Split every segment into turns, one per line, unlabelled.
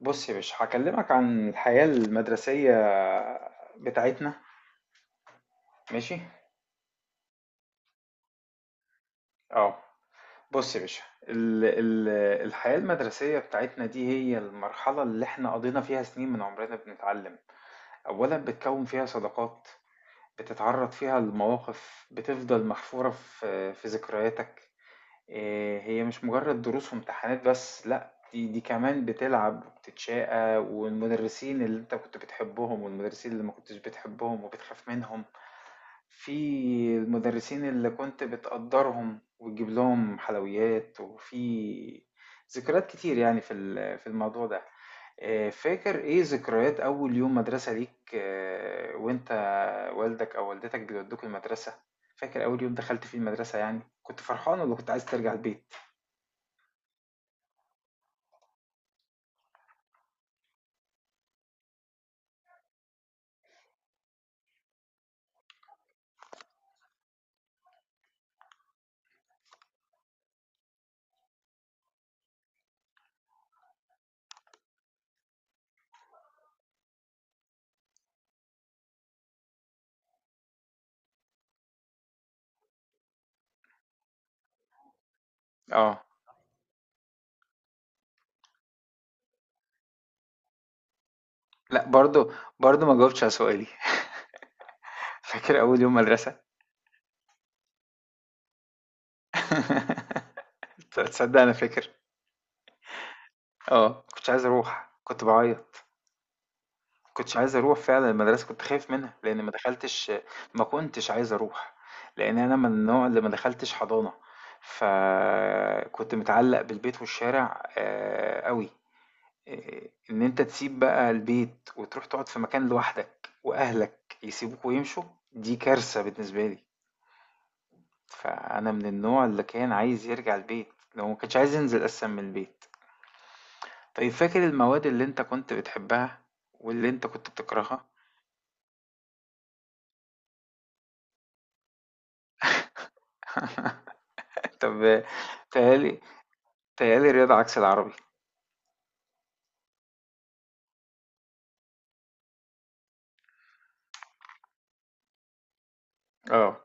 بص يا باشا، هكلمك عن الحياة المدرسية بتاعتنا. ماشي. اه. بص يا باشا، ال ال الحياة المدرسية بتاعتنا دي هي المرحلة اللي احنا قضينا فيها سنين من عمرنا بنتعلم. اولا بتكون فيها صداقات، بتتعرض فيها لمواقف بتفضل محفورة في ذكرياتك. إيه، هي مش مجرد دروس وامتحانات بس، لا، دي كمان بتلعب وبتتشاقى والمدرسين اللي انت كنت بتحبهم والمدرسين اللي ما كنتش بتحبهم وبتخاف منهم. في المدرسين اللي كنت بتقدرهم وتجيب لهم حلويات، وفي ذكريات كتير يعني في الموضوع ده. فاكر ايه ذكريات اول يوم مدرسة ليك؟ وانت والدك او والدتك بيودوك المدرسة، فاكر اول يوم دخلت فيه المدرسة؟ يعني كنت فرحان ولا كنت عايز ترجع البيت؟ اه. لا، برضو برضو ما جاوبتش على سؤالي. فاكر اول يوم مدرسة؟ تصدق انا فاكر. اه كنتش عايز اروح، كنت بعيط. ما كنتش عايز أروح فعلًا المدرسة، كنت خايف منها، لإن ما دخلتش. ما كنتش عايز أروح، لإن أنا من النوع اللي ما دخلتش حضانة، فكنت متعلق بالبيت والشارع أوي، إن أنت تسيب بقى البيت وتروح تقعد في مكان لوحدك وأهلك يسيبوك ويمشوا، دي كارثة بالنسبة لي. فأنا من النوع اللي كان عايز يرجع البيت، اللي هو ما كانش عايز ينزل أساسًا من البيت. طيب فاكر المواد اللي أنت كنت بتحبها واللي أنت كنت بتكرهها؟ طب بيتهيأ لي، تهيألي رياضة عكس العربي. اه.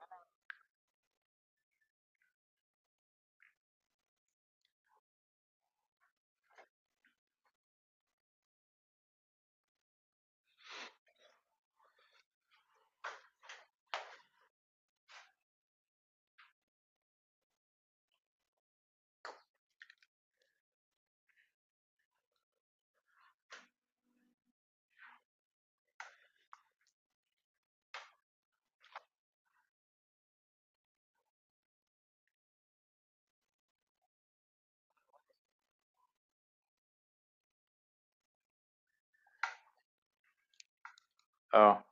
اه.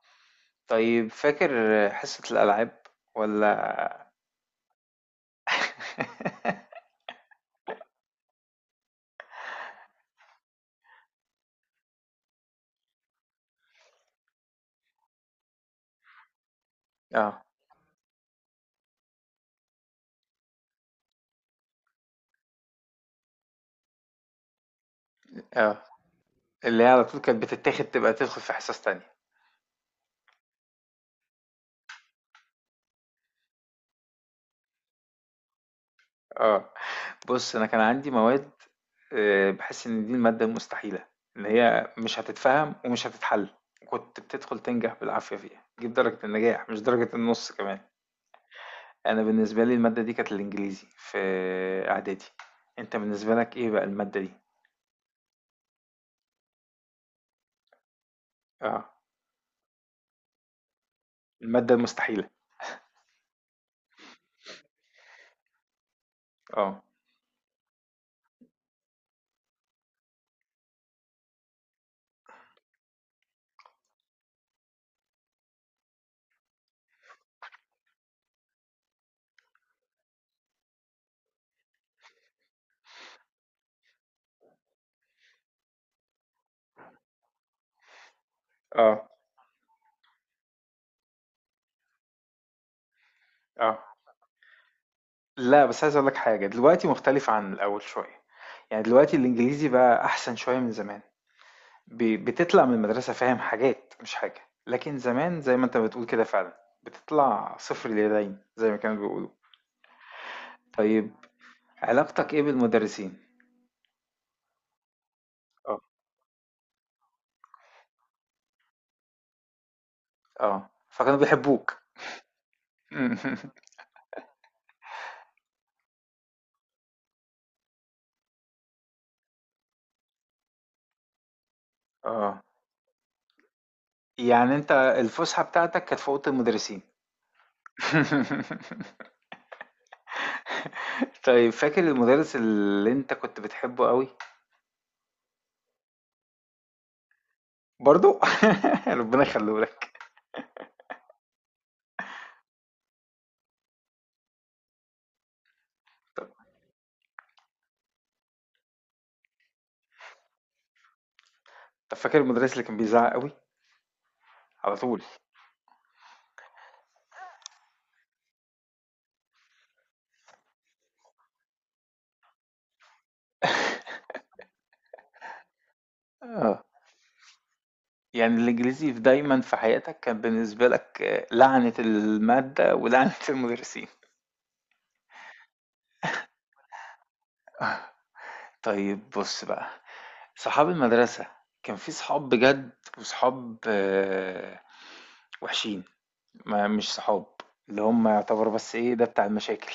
طيب، فاكر حصة الألعاب ولا؟ اه. اه، اللي هي على طول كانت بتتاخد، تبقى تدخل في حصص تانية. اه. بص، أنا كان عندي مواد بحس إن دي المادة المستحيلة، اللي هي مش هتتفهم ومش هتتحل، كنت بتدخل تنجح بالعافية فيها، تجيب درجة النجاح مش درجة النص كمان. أنا بالنسبة لي المادة دي كانت الإنجليزي في إعدادي. أنت بالنسبة لك إيه بقى المادة دي؟ اه، المادة المستحيلة. اه. اه. اه. لا، بس عايز اقول لك حاجه، دلوقتي مختلف عن الاول شويه، يعني دلوقتي الانجليزي بقى احسن شويه من زمان. بتطلع من المدرسه فاهم حاجات، مش حاجه، لكن زمان زي ما انت بتقول كده فعلا بتطلع صفر اليدين زي ما كانوا بيقولوا. طيب، علاقتك ايه بالمدرسين؟ اه. اه، فكانوا بيحبوك. اه، يعني انت الفسحه بتاعتك كانت في اوضه المدرسين؟ طيب فاكر المدرس اللي انت كنت بتحبه قوي؟ برضو. ربنا يخليه لك. طب. طب فاكر المدرس اللي كان بيزعق قوي على طول؟ اه. يعني الانجليزي في دايما في حياتك كان بالنسبه لك لعنه الماده ولعنه المدرسين. طيب بص بقى، صحاب المدرسه كان في صحاب بجد وصحاب وحشين، ما مش صحاب، اللي هم يعتبروا بس ايه ده بتاع المشاكل.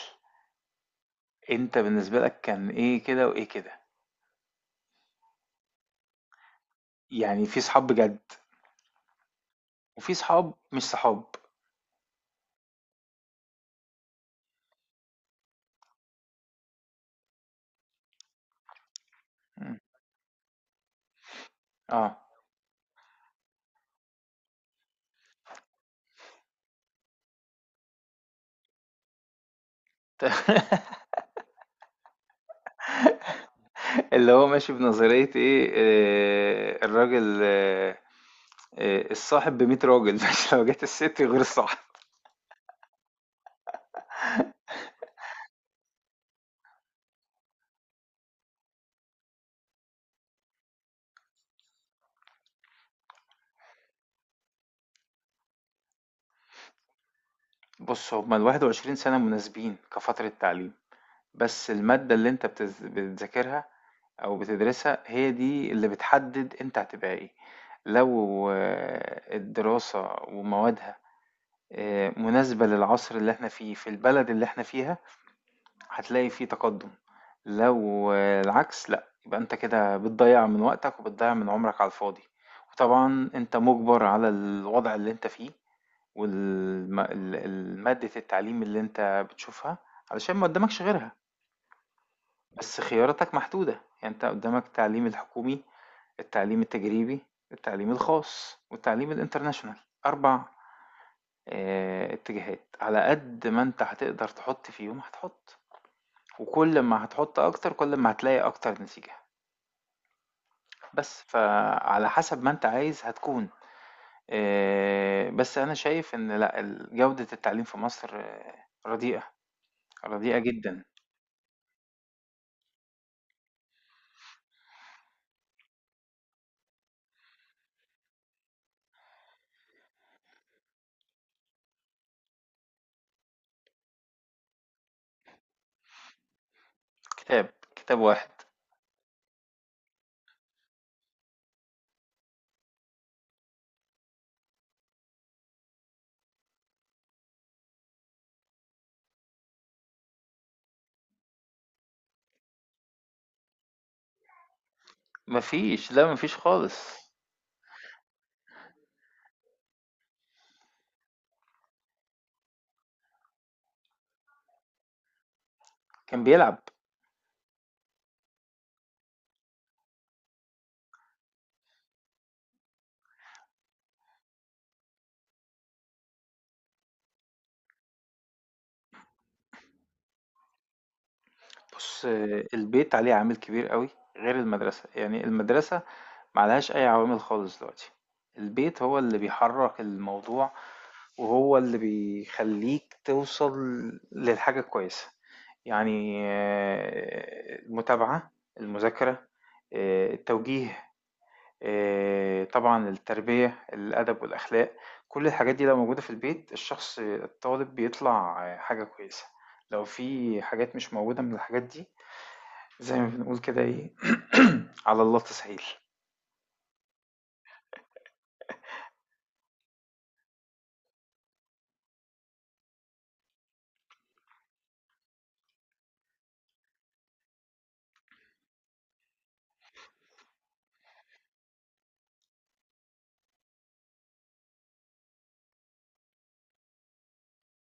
انت بالنسبه لك كان ايه كده وايه كده؟ يعني في صحاب بجد وفي صحاب مش صحاب. م. اه. اللي هو ماشي بنظرية ايه، الراجل الصاحب بـ100 راجل مش لو جت الست غير الصاحب. بص، هما الـ21 سنة مناسبين كفترة تعليم، بس المادة اللي انت بتذاكرها او بتدرسها هي دي اللي بتحدد انت هتبقى ايه. لو الدراسة وموادها مناسبة للعصر اللي احنا فيه في البلد اللي احنا فيها، هتلاقي في تقدم. لو العكس لأ، يبقى انت كده بتضيع من وقتك وبتضيع من عمرك على الفاضي. وطبعا انت مجبر على الوضع اللي انت فيه والمادة التعليم اللي انت بتشوفها علشان ما قدامكش غيرها. بس خياراتك محدودة، يعني انت قدامك التعليم الحكومي، التعليم التجريبي، التعليم الخاص، والتعليم الانترناشونال. أربع اتجاهات على قد ما انت هتقدر تحط فيهم هتحط، وكل ما هتحط أكتر كل ما هتلاقي أكتر نتيجة. بس فعلى حسب ما أنت عايز هتكون. بس أنا شايف إن لأ جودة التعليم في مصر رديئة، رديئة جدا. كتاب. كتاب واحد. مفيش. لا مفيش خالص. كان بيلعب. بُص، البيت عليه عامل كبير أوي، غير المدرسة. يعني المدرسة ما عليهاش أي عوامل خالص دلوقتي، البيت هو اللي بيحرّك الموضوع وهو اللي بيخلّيك توصل للحاجة الكويسة. يعني المتابعة، المذاكرة، التوجيه، طبعًا التربية، الأدب والأخلاق، كل الحاجات دي لو موجودة في البيت الشخص الطالب بيطلع حاجة كويسة. لو في حاجات مش موجودة من الحاجات دي، زي ما بنقول كده إيه على الله تسهيل.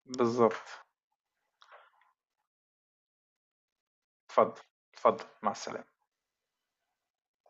بالضبط. اتفضل، اتفضل، مع السلامة.